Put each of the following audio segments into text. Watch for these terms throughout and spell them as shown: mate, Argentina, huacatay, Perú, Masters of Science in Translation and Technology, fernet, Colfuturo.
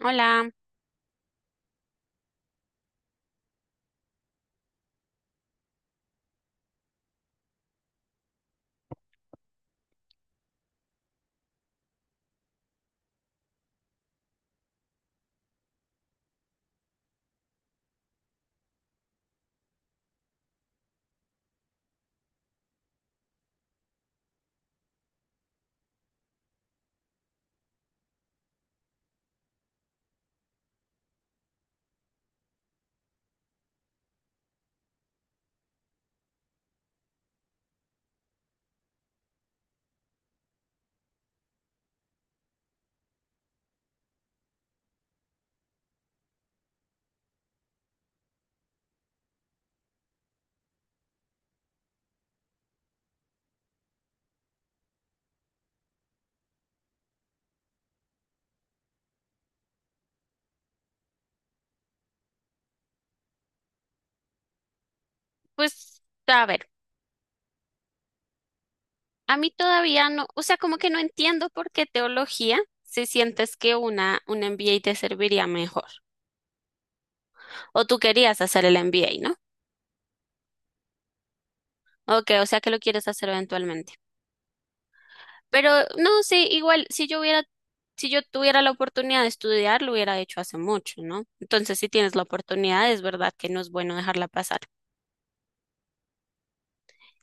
Hola, pues a ver, a mí todavía no, o sea, como que no entiendo por qué teología si sientes que una un MBA te serviría mejor. O tú querías hacer el MBA, ¿no? Ok, o sea que lo quieres hacer eventualmente. Pero no, sí, igual si yo tuviera la oportunidad de estudiar, lo hubiera hecho hace mucho, ¿no? Entonces, si tienes la oportunidad, es verdad que no es bueno dejarla pasar.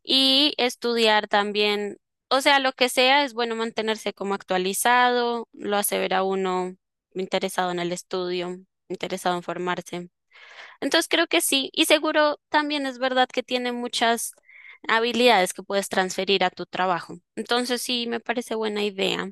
Y estudiar también, o sea, lo que sea, es bueno mantenerse como actualizado, lo hace ver a uno interesado en el estudio, interesado en formarse. Entonces creo que sí, y seguro también es verdad que tiene muchas habilidades que puedes transferir a tu trabajo. Entonces sí, me parece buena idea.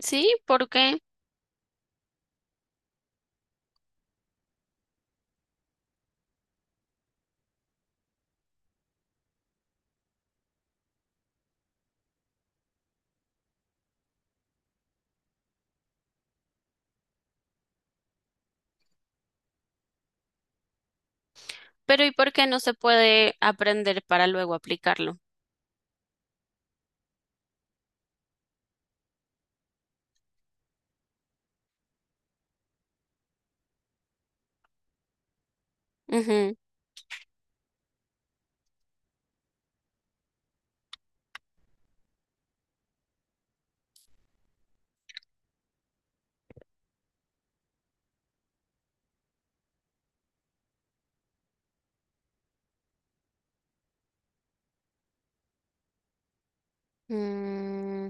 Sí, ¿por qué? Pero ¿y por qué no se puede aprender para luego aplicarlo? Ujú. Mm,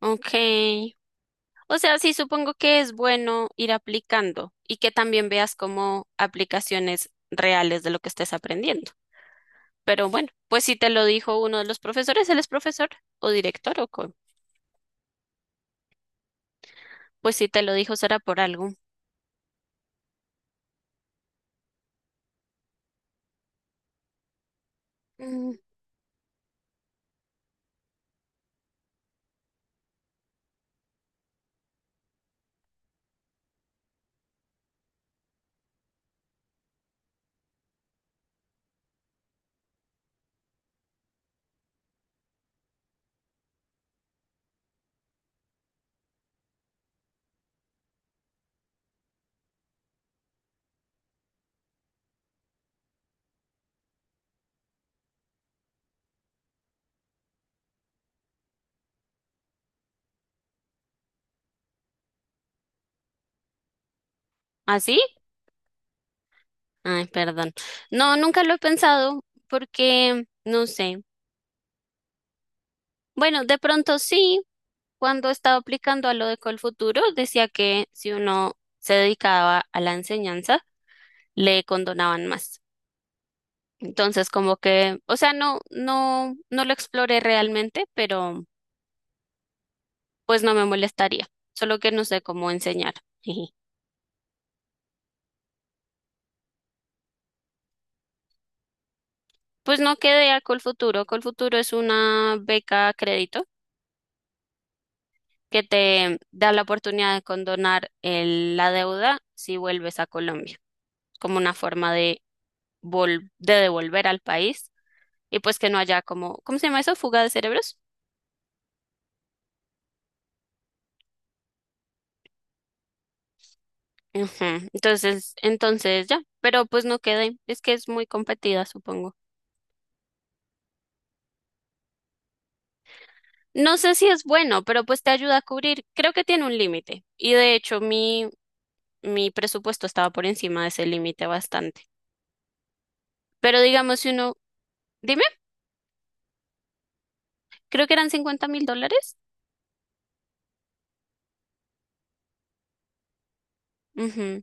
ok. O sea, sí, supongo que es bueno ir aplicando y que también veas como aplicaciones reales de lo que estés aprendiendo. Pero bueno, pues si te lo dijo uno de los profesores, él es profesor o director o con. Pues si te lo dijo será por algo. Mm. ¿Así? Ay, perdón. No, nunca lo he pensado porque no sé. Bueno, de pronto sí, cuando estaba aplicando a lo de Colfuturo, decía que si uno se dedicaba a la enseñanza, le condonaban más. Entonces, como que, o sea, no lo exploré realmente, pero pues no me molestaría. Solo que no sé cómo enseñar. Jiji. Pues no quedé a Colfuturo. Colfuturo es una beca a crédito que te da la oportunidad de condonar la deuda si vuelves a Colombia, como una forma de, de devolver al país y pues que no haya como, ¿cómo se llama eso? Fuga de cerebros. Ujú. Entonces ya, pero pues no quedé. Es que es muy competida, supongo. No sé si es bueno, pero pues te ayuda a cubrir. Creo que tiene un límite. Y de hecho, mi presupuesto estaba por encima de ese límite bastante. Pero digamos, si uno, dime, creo que eran $50.000. Ujú.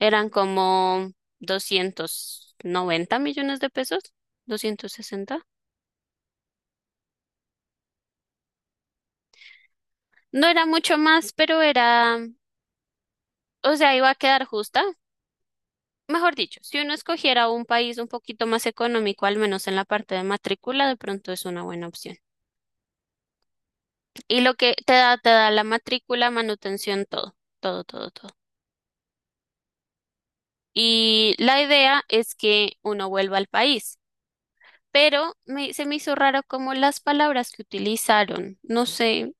Eran como 290.000.000 de pesos, 260. No era mucho más, pero era, o sea, iba a quedar justa. Mejor dicho, si uno escogiera un país un poquito más económico, al menos en la parte de matrícula, de pronto es una buena opción. Y lo que te da la matrícula, manutención, todo, todo, todo, todo. Y la idea es que uno vuelva al país. Pero se me hizo raro como las palabras que utilizaron. No sé,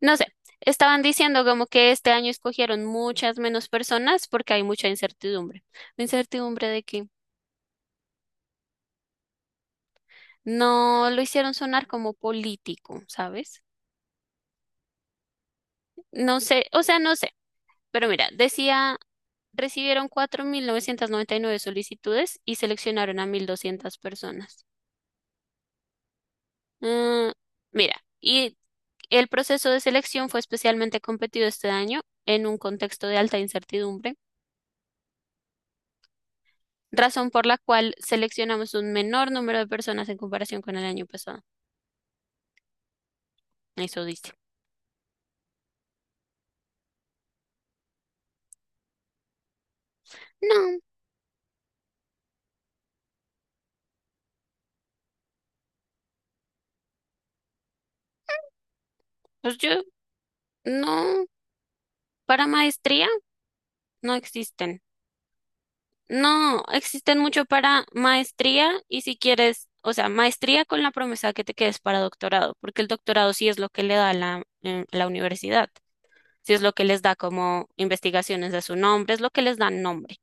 no sé. Estaban diciendo como que este año escogieron muchas menos personas porque hay mucha incertidumbre. ¿Incertidumbre de que? No lo hicieron sonar como político, ¿sabes? No sé, o sea, no sé. Pero mira, decía: recibieron 4.999 solicitudes y seleccionaron a 1.200 personas. Mm, mira, y el proceso de selección fue especialmente competido este año en un contexto de alta incertidumbre, razón por la cual seleccionamos un menor número de personas en comparación con el año pasado. Eso dice. No, pues yo no, para maestría no existen. No, existen mucho para maestría y si quieres, o sea, maestría con la promesa de que te quedes para doctorado, porque el doctorado sí es lo que le da la, la universidad, sí es lo que les da como investigaciones a su nombre, es lo que les da nombre,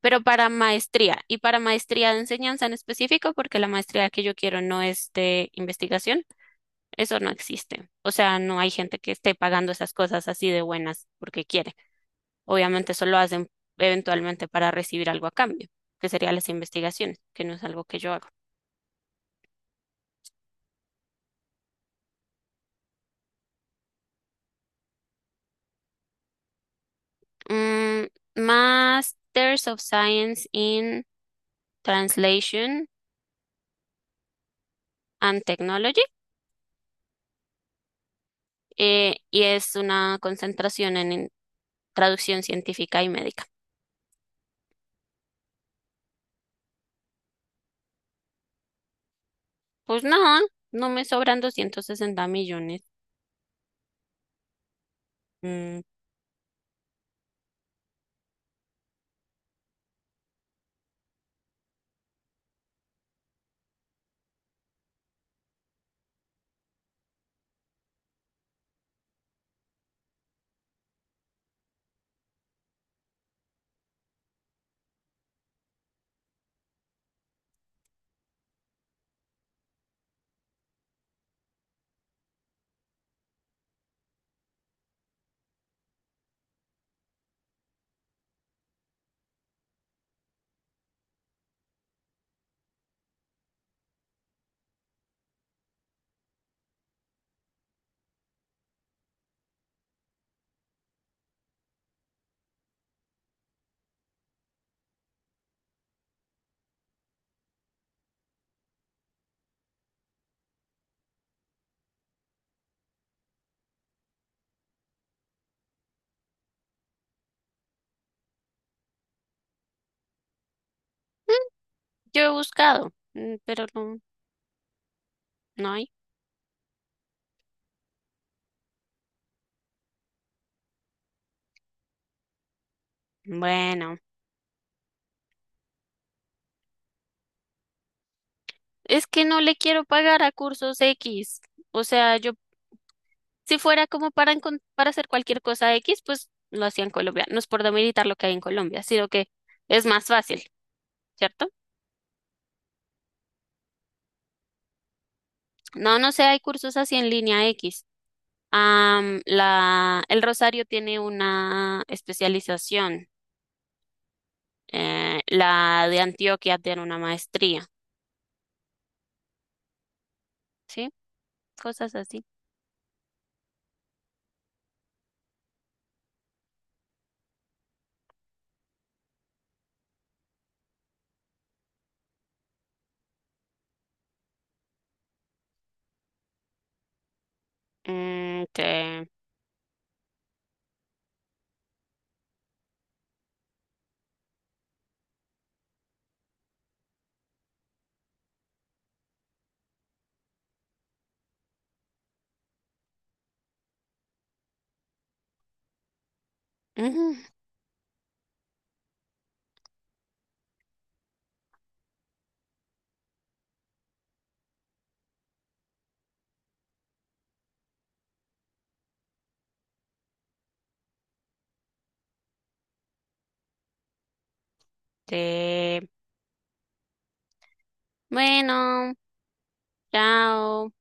pero para maestría y para maestría de enseñanza en específico, porque la maestría que yo quiero no es de investigación, eso no existe. O sea, no hay gente que esté pagando esas cosas así de buenas porque quiere. Obviamente eso lo hacen eventualmente para recibir algo a cambio, que serían las investigaciones, que no es algo que yo hago. Mm. Masters of Science in Translation and Technology, y es una concentración en traducción científica y médica. Pues nada, no me sobran 260.000.000. Mm, yo he buscado, mm, pero no, no hay. Bueno, es que no le quiero pagar a cursos X. O sea, yo, si fuera como para, para hacer cualquier cosa X, pues lo hacía en Colombia. No es por demeritar lo que hay en Colombia, sino que es más fácil, ¿cierto? No, no sé, hay cursos así en línea X. Am, el Rosario tiene una especialización, la de Antioquia tiene una maestría, ¿sí? Cosas así. Mm, te, ujú, te, bueno, chao.